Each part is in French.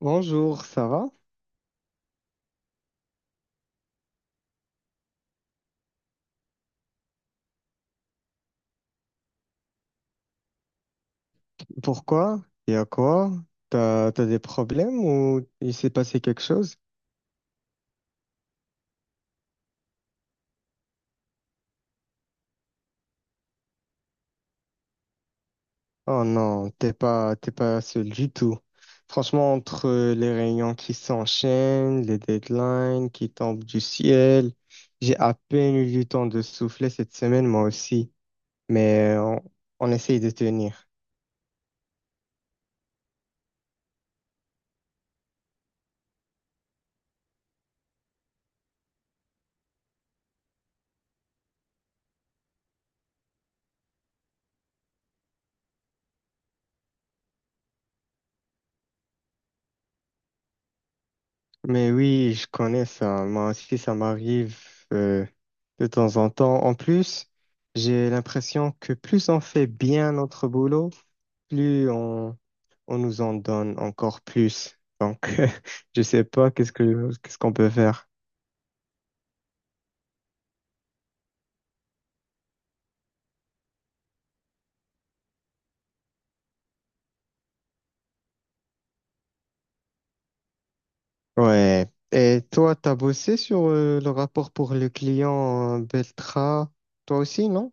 Bonjour, ça va? Pourquoi? Il y a quoi? T'as des problèmes ou il s'est passé quelque chose? Oh non, t'es pas seul du tout. Franchement, entre les réunions qui s'enchaînent, les deadlines qui tombent du ciel, j'ai à peine eu du temps de souffler cette semaine, moi aussi. Mais on, on essaye de tenir. Mais oui, je connais ça. Moi aussi, ça m'arrive euh, de temps en temps. En plus, j'ai l'impression que plus on fait bien notre boulot, plus on, on nous en donne encore plus. Donc, je sais pas qu'est-ce que qu'est-ce qu'on peut faire. Ouais. Et toi, t'as bossé sur le rapport pour le client Beltra, toi aussi, non?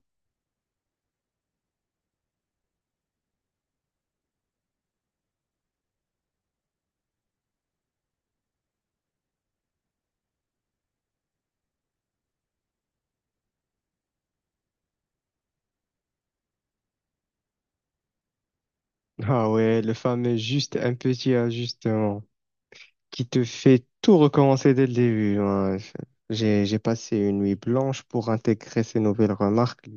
Ah ouais, le fameux juste un petit ajustement qui te fait tout recommencer dès le début, hein. J'ai passé une nuit blanche pour intégrer ces nouvelles remarques.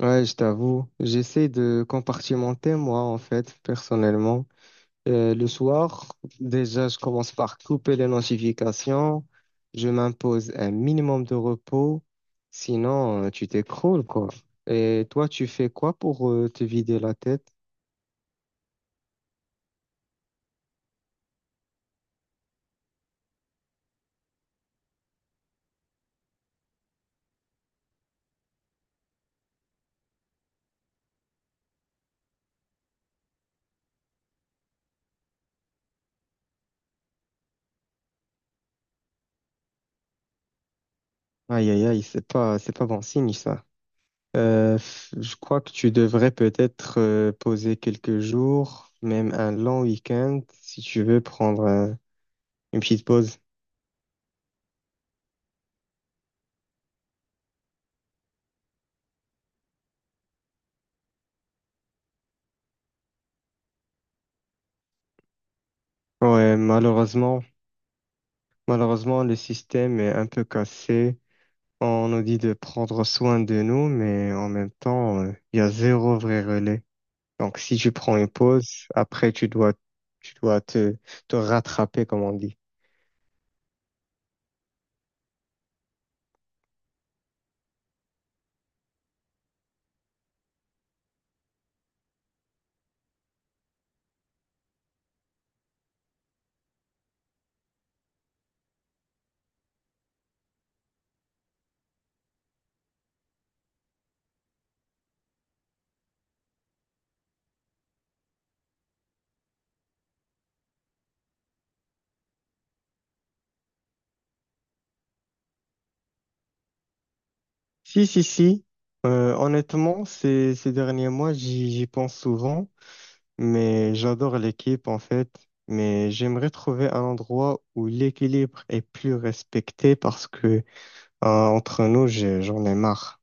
Ouais, je t'avoue, j'essaie de compartimenter moi en fait, personnellement. Le soir, déjà, je commence par couper les notifications. Je m'impose un minimum de repos. Sinon, tu t'écroules, quoi. Et toi, tu fais quoi pour te vider la tête? Aïe, aïe, aïe, c'est pas bon signe, ça. Euh, je crois que tu devrais peut-être poser quelques jours, même un long week-end, si tu veux prendre une petite pause. Ouais, malheureusement, le système est un peu cassé. On nous dit de prendre soin de nous, mais en même temps, il y a zéro vrai relais. Donc, si tu prends une pause, après, tu dois te rattraper, comme on dit. Si, si, si. Honnêtement, ces derniers mois, j'y pense souvent. Mais j'adore l'équipe en fait, mais j'aimerais trouver un endroit où l'équilibre est plus respecté parce que entre nous, j'en ai marre.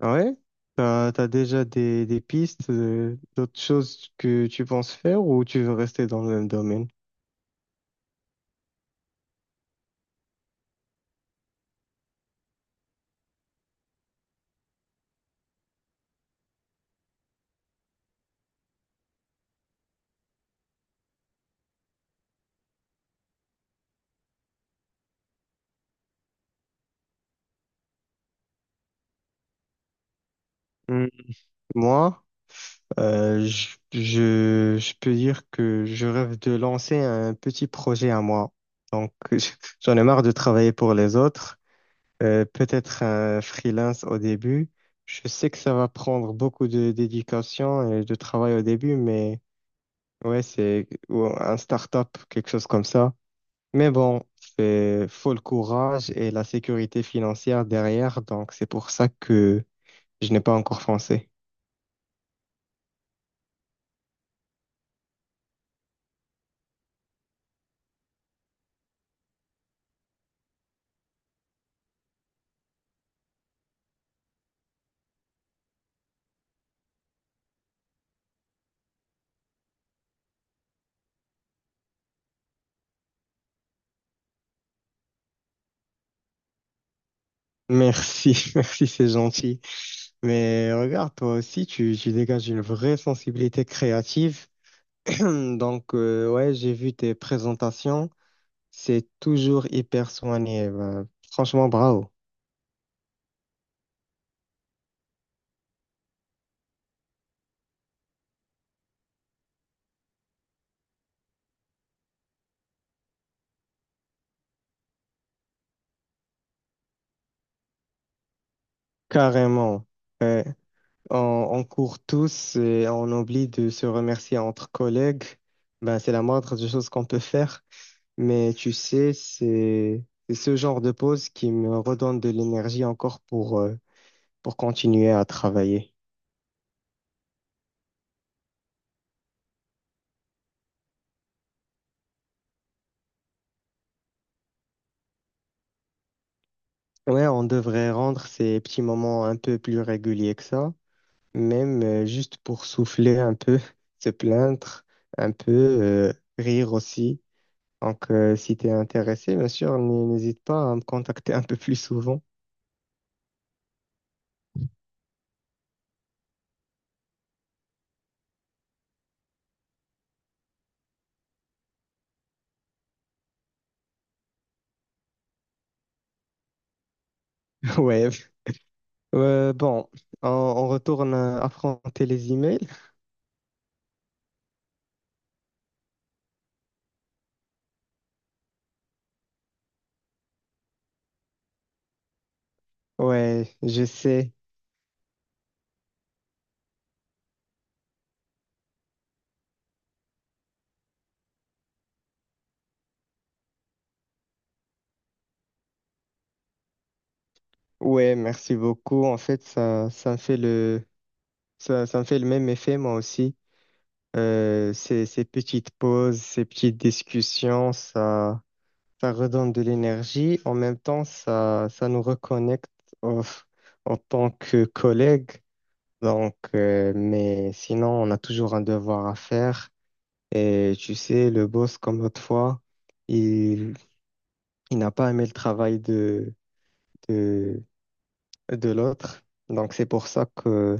Ah ouais? T'as déjà des pistes, d'autres choses que tu penses faire, ou tu veux rester dans le même domaine? Hmm, Moi, je peux dire que je rêve de lancer un petit projet à moi. Donc, j'en ai marre de travailler pour les autres. Peut-être un freelance au début. Je sais que ça va prendre beaucoup de dédication et de travail au début, mais ouais, c'est ou un start-up, quelque chose comme ça. Mais bon, c'est faut le courage et la sécurité financière derrière, donc c'est pour ça que je n'ai pas encore foncé. Merci, merci, c'est gentil. Mais regarde, toi aussi, tu dégages une vraie sensibilité créative. Donc, ouais, j'ai vu tes présentations. C'est toujours hyper soigné. Ben, franchement, bravo. Carrément. Ouais. On, on court tous et on oublie de se remercier entre collègues. Ben, c'est la moindre des choses qu'on peut faire. Mais tu sais, c'est ce genre de pause qui me redonne de l'énergie encore pour continuer à travailler. Ouais, on devrait rendre ces petits moments un peu plus réguliers que ça, même juste pour souffler un peu, se plaindre un peu, rire aussi. Donc, si tu es intéressé, bien sûr, n'hésite pas à me contacter un peu plus souvent. Ouais. Bon, on retourne à affronter les emails. Ouais, je sais. Ouais, merci beaucoup. En fait, ça, ça me fait le même effet, moi aussi. Ces petites pauses, ces petites discussions, ça redonne de l'énergie. En même temps, ça nous reconnecte en en tant que collègues. Donc, mais sinon, on a toujours un devoir à faire. Et tu sais, le boss, comme l'autre fois, il, il n'a pas aimé le travail de, de l'autre. Donc, c'est pour ça que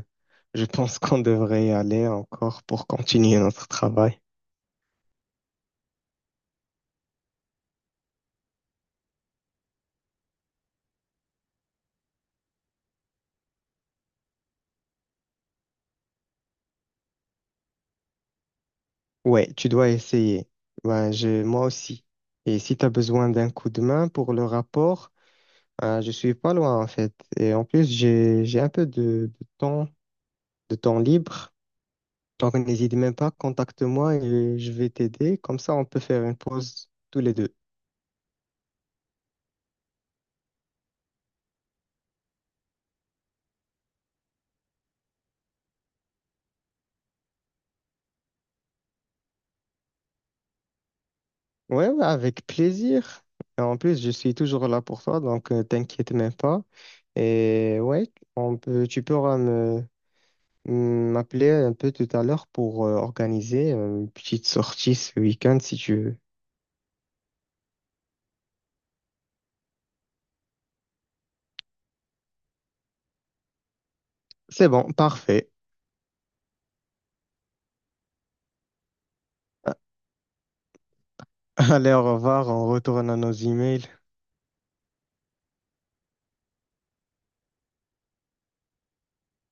je pense qu'on devrait y aller encore pour continuer notre travail. Ouais, tu dois essayer. Ben, je, moi aussi. Et si tu as besoin d'un coup de main pour le rapport, je suis pas loin en fait. Et en plus, j'ai un peu de temps, de temps libre. Donc, n'hésite même pas, contacte-moi et je vais t'aider. Comme ça, on peut faire une pause tous les deux. Ouais, ouais, avec plaisir. Et en plus, je suis toujours là pour toi, donc t'inquiète même pas. Et ouais, on peut, tu pourras me m'appeler un peu tout à l'heure pour organiser une petite sortie ce week-end si tu veux. C'est bon, parfait. Allez, au revoir, on retourne à nos emails.